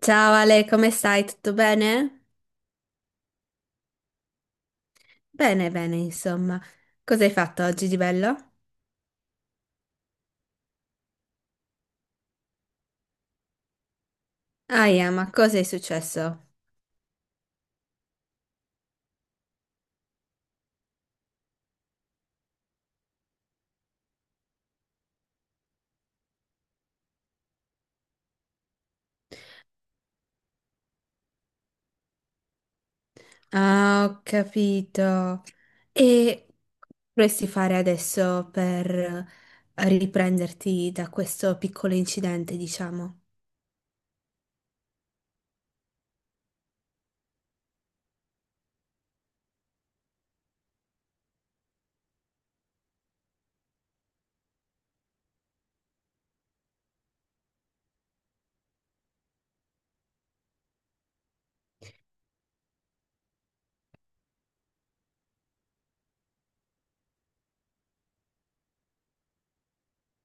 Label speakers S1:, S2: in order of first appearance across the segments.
S1: Ciao Ale, come stai? Tutto bene? Bene, bene, insomma. Cosa hai fatto oggi di bello? Ah, yeah, ma cosa è successo? Ah, ho capito. E vorresti fare adesso per riprenderti da questo piccolo incidente, diciamo?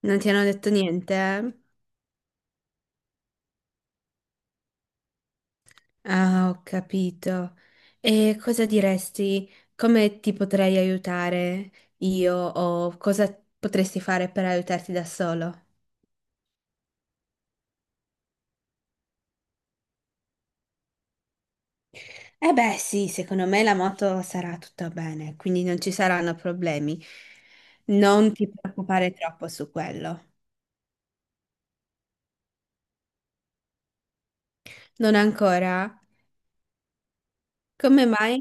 S1: Non ti hanno detto niente? Eh? Ah, ho capito. E cosa diresti? Come ti potrei aiutare io o cosa potresti fare per aiutarti da solo? Eh beh, sì, secondo me la moto sarà tutta bene, quindi non ci saranno problemi. Non ti preoccupare troppo su quello. Non ancora? Come mai?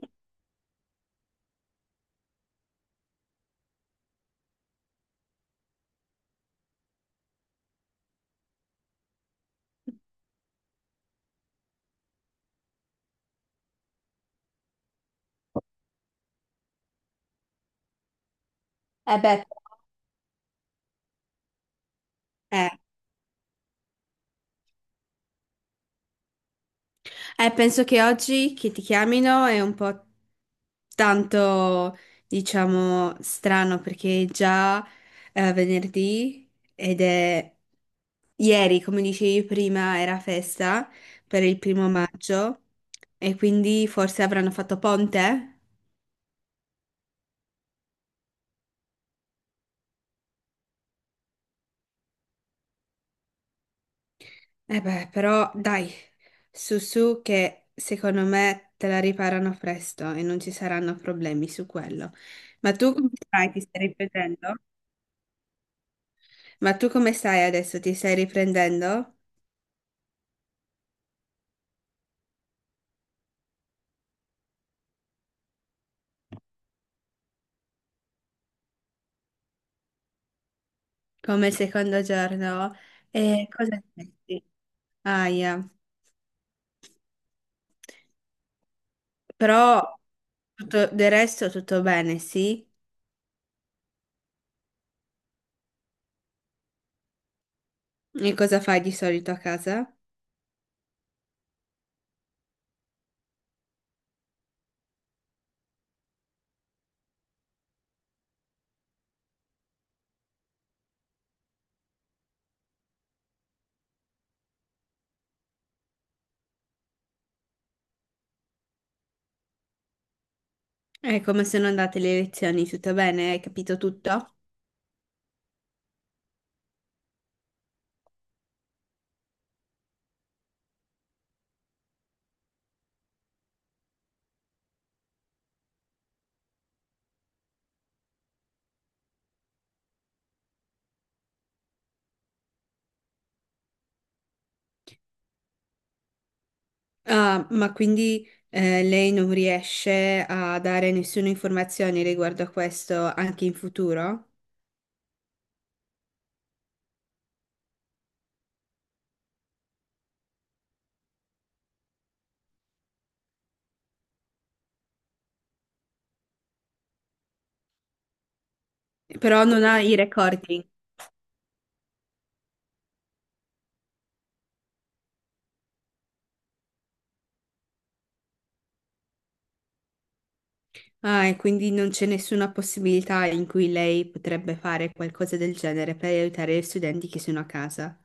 S1: Eh beh, però- eh. Penso che oggi che ti chiamino è un po' tanto, diciamo, strano perché è già venerdì ed è ieri, come dicevi prima, era festa per il primo maggio, e quindi forse avranno fatto ponte? Eh beh, però dai, su su che secondo me te la riparano presto e non ci saranno problemi su quello. Ma tu come stai? Ti stai riprendendo? Ma tu come stai adesso? Ti stai riprendendo? Come il secondo giorno? E cosa senti? Aia. Però tutto, del resto tutto bene, sì? E cosa fai di solito a casa? È come sono andate le lezioni, tutto bene? Hai capito tutto? Ah, ma quindi lei non riesce a dare nessuna informazione riguardo a questo anche in futuro? Però non ha i recording. Ah, e quindi non c'è nessuna possibilità in cui lei potrebbe fare qualcosa del genere per aiutare gli studenti che sono a casa.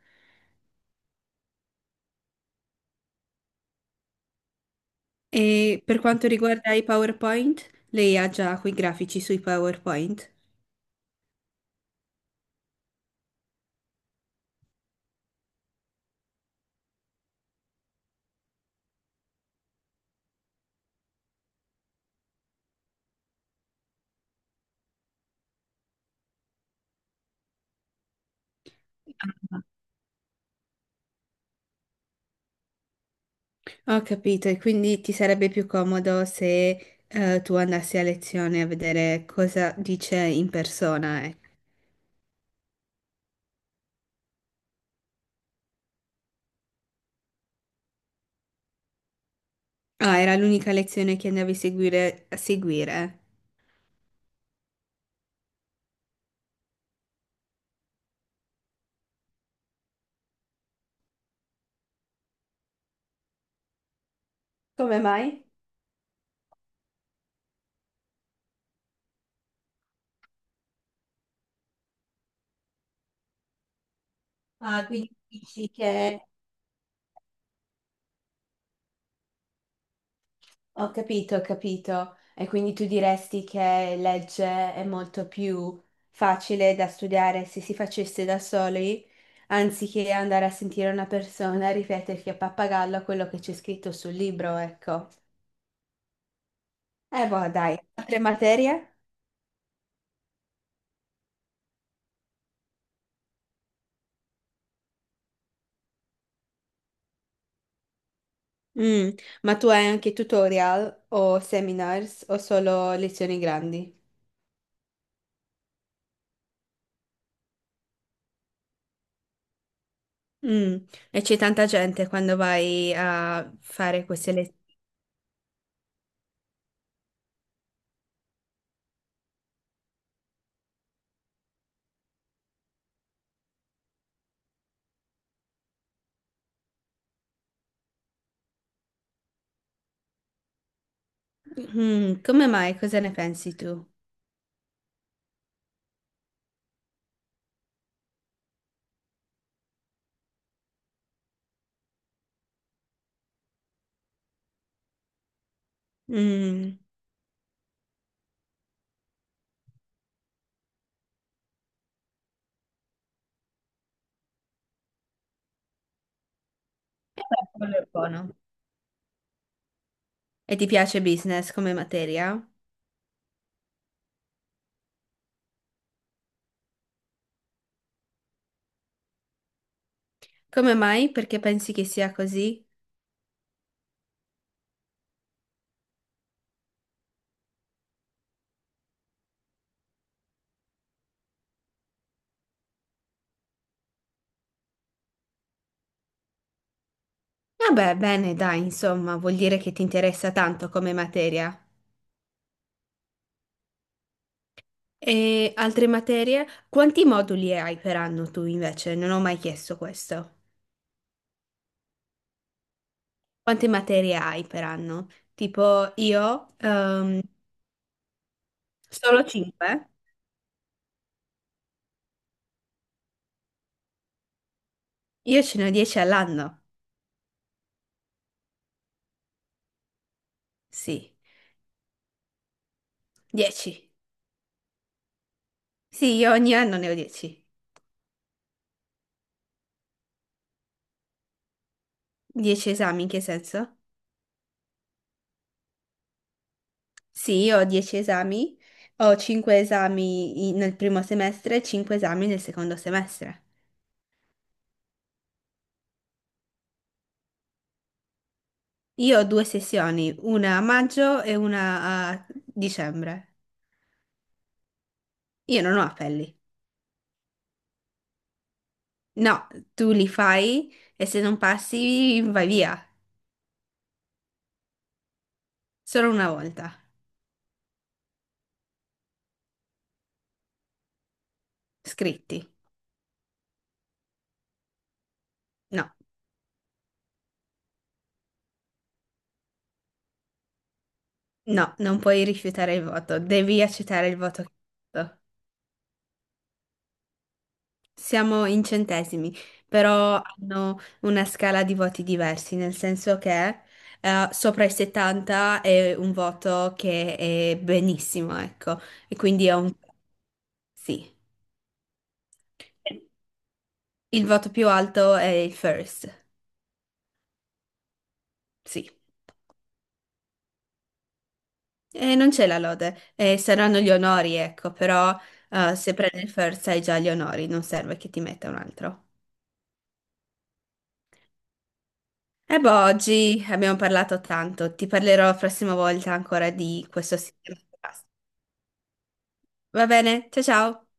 S1: E per quanto riguarda i PowerPoint, lei ha già quei grafici sui PowerPoint? Ho capito, e quindi ti sarebbe più comodo se tu andassi a lezione a vedere cosa dice in persona, Ah, era l'unica lezione che andavi a seguire, a seguire. Come mai? Ah, quindi dici che... Ho capito, ho capito. E quindi tu diresti che legge è molto più facile da studiare se si facesse da soli, anziché andare a sentire una persona ripeterti a pappagallo quello che c'è scritto sul libro, ecco. Boh, dai, altre materie? Mm, ma tu hai anche tutorial o seminars o solo lezioni grandi? Mm, e c'è tanta gente quando vai a fare queste lezioni. Come mai? Cosa ne pensi tu? Mm, quello è buono. E ti piace business come materia? Come mai? Perché pensi che sia così? Vabbè, bene, dai, insomma, vuol dire che ti interessa tanto come materia. E altre materie? Quanti moduli hai per anno tu invece? Non ho mai chiesto questo. Quante materie hai per anno? Tipo io, solo 5. Io ce ne ho 10 all'anno. Sì, 10. Sì, io ogni anno ne ho 10. 10 esami, in che senso? Sì, io ho 10 esami, ho 5 esami nel primo semestre e 5 esami nel secondo semestre. Io ho due sessioni, una a maggio e una a dicembre. Io non ho appelli. No, tu li fai e se non passi vai via. Solo una volta. Scritti. No, no, non puoi rifiutare il voto. Devi accettare il voto che hai fatto. Siamo in centesimi, però hanno una scala di voti diversi, nel senso che sopra i 70 è un voto che è benissimo, ecco. E quindi è un sì. Il voto più alto è il first. Sì. Non c'è la lode, saranno gli onori, ecco, però se prendi il first hai già gli onori, non serve che ti metta un altro. E boh, oggi abbiamo parlato tanto, ti parlerò la prossima volta ancora di questo sistema di pasta. Va bene? Ciao ciao!